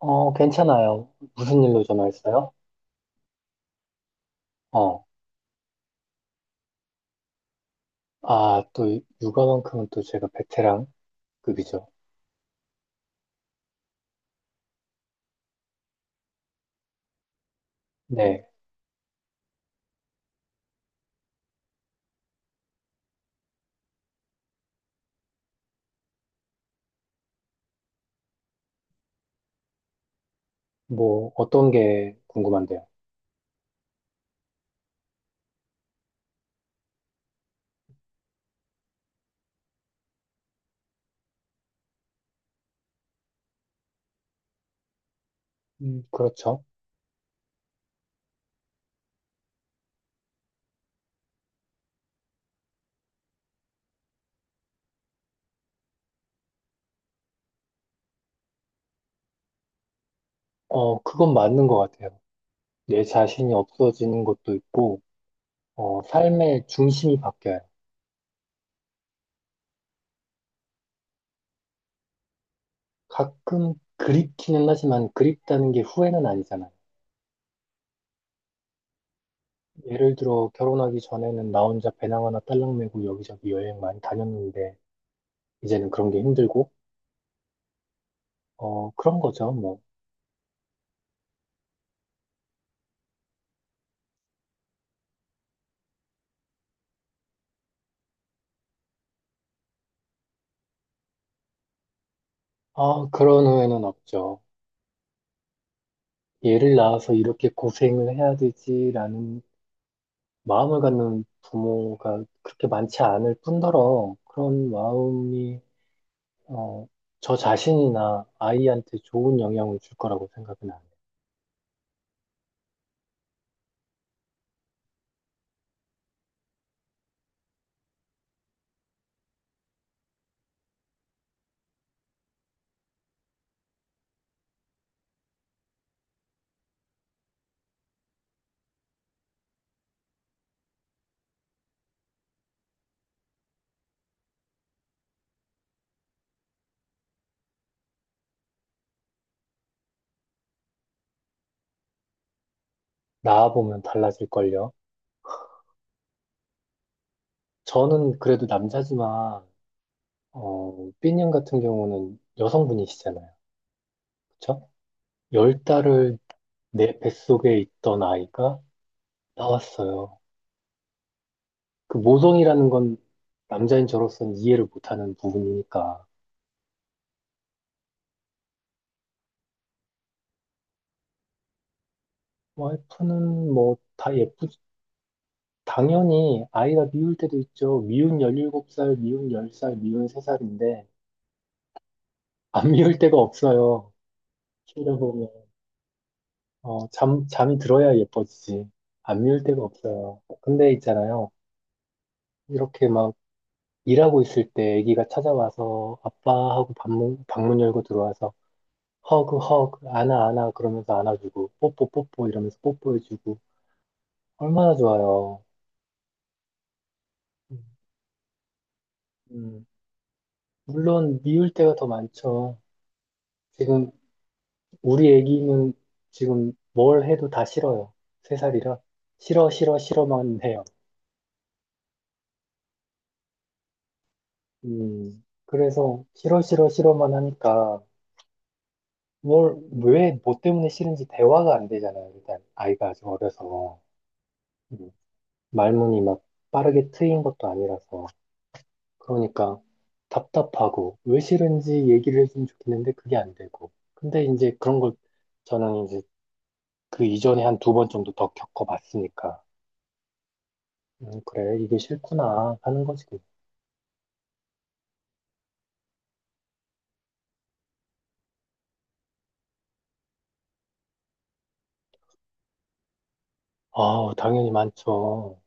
어, 괜찮아요. 무슨 일로 전화했어요? 어, 아, 또 육아만큼은 또 제가 베테랑급이죠. 네, 뭐 어떤 게 궁금한데요? 그렇죠. 어, 그건 맞는 것 같아요. 내 자신이 없어지는 것도 있고, 어, 삶의 중심이 바뀌어요. 가끔 그립기는 하지만 그립다는 게 후회는 아니잖아요. 예를 들어 결혼하기 전에는 나 혼자 배낭 하나 딸랑 메고 여기저기 여행 많이 다녔는데 이제는 그런 게 힘들고, 어, 그런 거죠, 뭐. 아, 그런 후회는 없죠. 얘를 낳아서 이렇게 고생을 해야 되지라는 마음을 갖는 부모가 그렇게 많지 않을 뿐더러 그런 마음이 어, 저 자신이나 아이한테 좋은 영향을 줄 거라고 생각은 안 해요. 낳아보면 달라질걸요. 저는 그래도 남자지만 어, 삐님 같은 경우는 여성분이시잖아요. 그쵸? 10달을 내 뱃속에 있던 아이가 나왔어요. 그 모성이라는 건 남자인 저로서는 이해를 못하는 부분이니까. 와이프는 뭐 다 예쁘, 당연히 아이가 미울 때도 있죠. 미운 17살, 미운 10살, 미운 3살인데, 안 미울 때가 없어요. 키우다 보면. 어, 잠이 들어야 예뻐지지. 안 미울 때가 없어요. 근데 있잖아요. 이렇게 막 일하고 있을 때 아기가 찾아와서 아빠하고 방문 열고 들어와서 허그, 허그, 안아, 안아 그러면서 안아주고, 뽀뽀, 뽀뽀 이러면서 뽀뽀해주고, 얼마나 좋아요. 음, 물론 미울 때가 더 많죠. 지금 우리 애기는 지금 뭘 해도 다 싫어요. 3살이라 싫어 싫어 싫어만 해요. 그래서 싫어 싫어 싫어만 하니까 뭘 왜 뭐 때문에 싫은지 대화가 안 되잖아요. 일단 아이가 아직 어려서 음, 말문이 막 빠르게 트인 것도 아니라서 그러니까 답답하고 왜 싫은지 얘기를 해주면 좋겠는데 그게 안 되고 근데 이제 그런 걸 저는 이제 그 이전에 한 두 번 정도 더 겪어봤으니까. 그래, 이게 싫구나 하는 거지. 아, 당연히 많죠.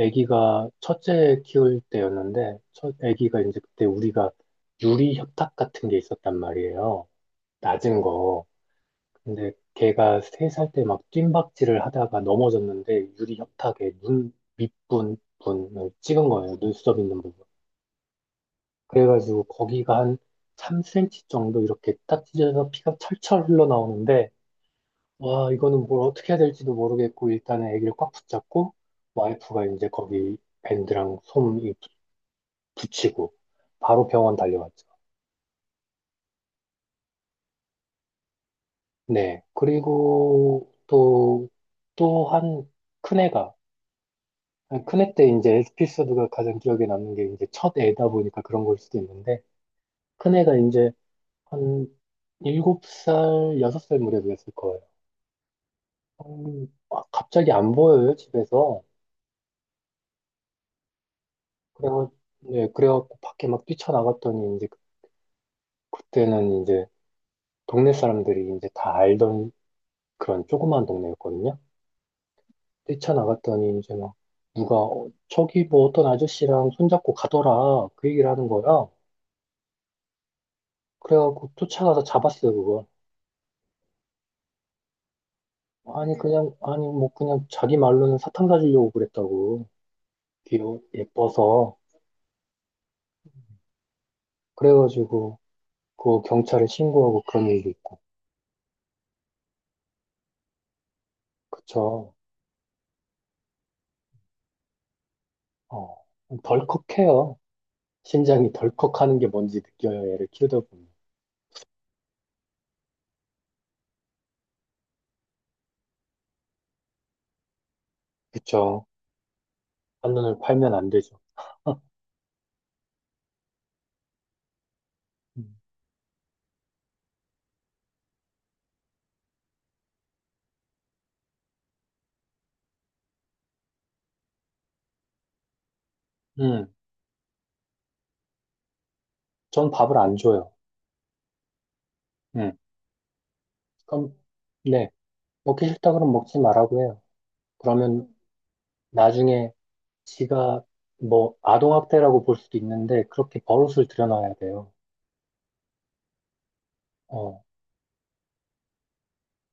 아기가 첫째 키울 때였는데, 첫 아기가 이제 그때 우리가 유리 협탁 같은 게 있었단 말이에요. 낮은 거. 근데 걔가 3살 때 막 뜀박질을 하다가 넘어졌는데 유리 협탁에 눈 밑부분을 찍은 거예요. 눈썹 있는 부분. 그래가지고 거기가 한 3cm 정도 이렇게 딱 찢어져서 피가 철철 흘러나오는데 와, 이거는 뭘 어떻게 해야 될지도 모르겠고, 일단은 애기를 꽉 붙잡고, 와이프가 이제 거기 밴드랑 붙이고, 바로 병원 달려왔죠. 네. 그리고 또, 한 큰애가, 큰애 때 이제 에피소드가 가장 기억에 남는 게 이제 첫 애다 보니까 그런 걸 수도 있는데, 큰애가 이제 한 7살, 6살 무렵이었을 거예요. 아, 갑자기 안 보여요, 집에서. 그래가 네, 그래갖고 밖에 막 뛰쳐나갔더니 이제 그때는 이제 동네 사람들이 이제 다 알던 그런 조그만 동네였거든요. 뛰쳐나갔더니 이제 막 누가 어, 저기 뭐 어떤 아저씨랑 손잡고 가더라 그 얘기를 하는 거야. 그래갖고 쫓아가서 잡았어요 그걸. 아니 그냥 아니 뭐 그냥 자기 말로는 사탕 사주려고 그랬다고 귀여 예뻐서 그래가지고 그 경찰에 신고하고 그런 일도 있고 그쵸. 어 덜컥해요. 신장이 덜컥하는 게 뭔지 느껴요 애를 키우다 보면. 그쵸. 반론을 팔면 안 되죠. 음, 음, 전 밥을 안 줘요. 음, 그럼, 네, 먹기 싫다 그러면 먹지 말라고 해요. 그러면 나중에 지가 뭐 아동학대라고 볼 수도 있는데 그렇게 버릇을 들여놔야 돼요. 어,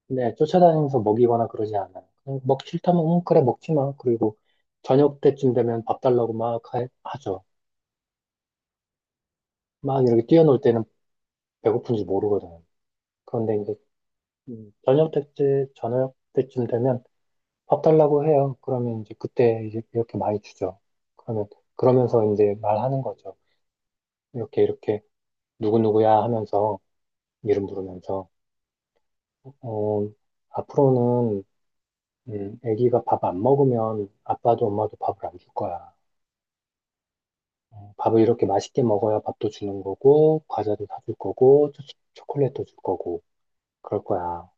네, 쫓아다니면서 먹이거나 그러지 않아요. 그냥 먹기 싫다면, 응, 그래, 먹지 마. 그리고 저녁 때쯤 되면 밥 달라고 막 하죠. 막 이렇게 뛰어놀 때는 배고픈지 모르거든요. 그런데 이제 저녁 때쯤, 저녁 때쯤 되면 밥 달라고 해요. 그러면 이제 그때 이제 이렇게 많이 주죠. 그러면, 그러면서 이제 말하는 거죠. 이렇게, 이렇게, 누구누구야 하면서 이름 부르면서, 어, 앞으로는, 애기가 밥 안 먹으면 아빠도 엄마도 밥을 안 줄 거야. 어, 밥을 이렇게 맛있게 먹어야 밥도 주는 거고, 과자도 사줄 거고, 초콜릿도 줄 거고, 그럴 거야.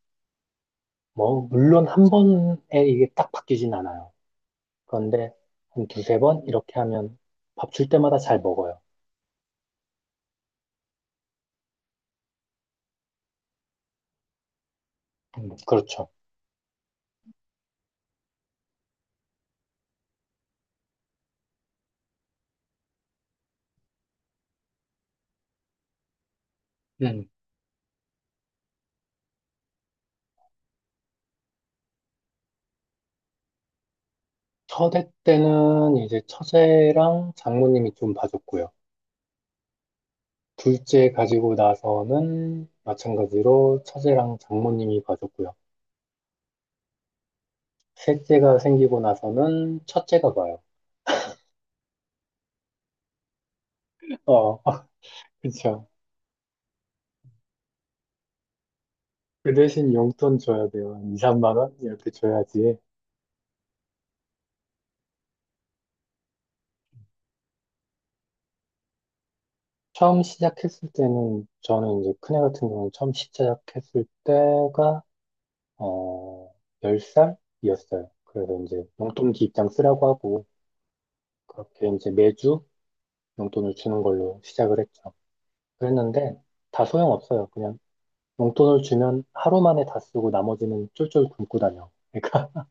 뭐, 물론 한 번에 이게 딱 바뀌진 않아요. 그런데 한 두세 번 이렇게 하면 밥 줄 때마다 잘 먹어요. 그렇죠. 음. 첫애 때는 이제 처제랑 장모님이 좀 봐줬고요. 둘째 가지고 나서는 마찬가지로 처제랑 장모님이 봐줬고요. 셋째가 생기고 나서는 첫째가 봐요. 어, 그쵸. 그 대신 용돈 줘야 돼요. 한 2, 3만 원? 이렇게 줘야지. 처음 시작했을 때는, 저는 이제 큰애 같은 경우는 처음 시작했을 때가, 어, 10살이었어요. 그래서 이제 용돈기 입장 쓰라고 하고, 그렇게 이제 매주 용돈을 주는 걸로 시작을 했죠. 그랬는데 다 소용없어요. 그냥 용돈을 주면 하루 만에 다 쓰고 나머지는 쫄쫄 굶고 다녀. 그러니까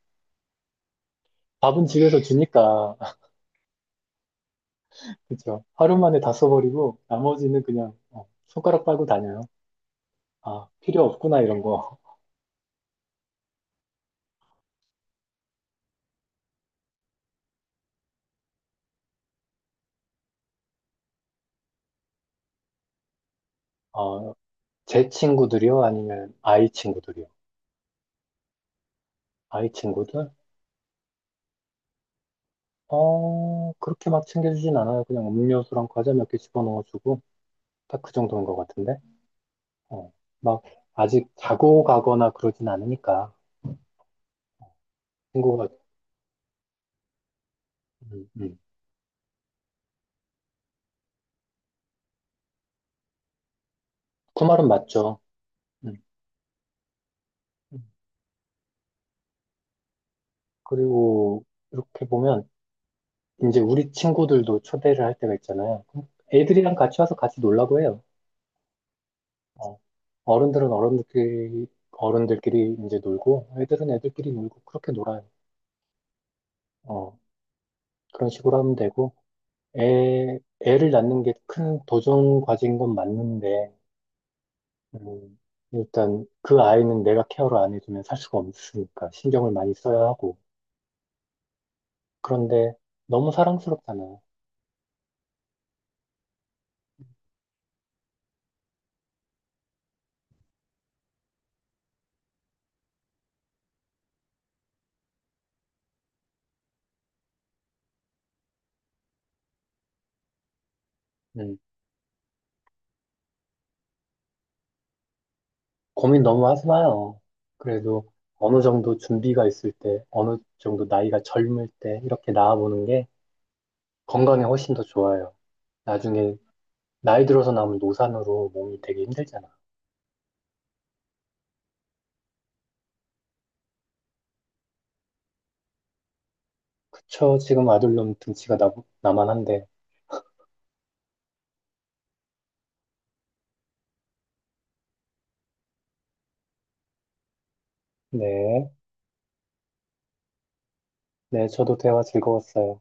밥은 집에서 주니까 그 하루 만에 다 써버리고 나머지는 그냥 어, 손가락 빨고 다녀요. 아, 필요 없구나 이런 거. 어, 제 친구들이요? 아니면 아이 친구들이요? 아이 친구들? 어, 그렇게 막 챙겨주진 않아요. 그냥 음료수랑 과자 몇 개 집어넣어주고 딱 그 정도인 것 같은데. 어, 막 아직 자고 가거나 그러진 않으니까 친구가 음, 음. 그 말은 맞죠. 음. 음. 그리고 이렇게 보면 이제 우리 친구들도 초대를 할 때가 있잖아요. 그럼 애들이랑 같이 와서 같이 놀라고 해요. 어, 어른들은 어른들끼리 이제 놀고 애들은 애들끼리 놀고 그렇게 놀아요. 어, 그런 식으로 하면 되고 애 애를 낳는 게 큰 도전 과제인 건 맞는데 음, 일단 그 아이는 내가 케어를 안 해주면 살 수가 없으니까 신경을 많이 써야 하고. 그런데 너무 사랑스럽잖아. 음, 고민 너무 하지 마요. 그래도 어느 정도 준비가 있을 때, 어느 정도 나이가 젊을 때 이렇게 나아보는 게 건강에 훨씬 더 좋아요. 나중에 나이 들어서 남은 노산으로 몸이 되게 힘들잖아. 그쵸? 지금 아들놈 등치가 나만한데. 네. 네, 저도 대화 즐거웠어요.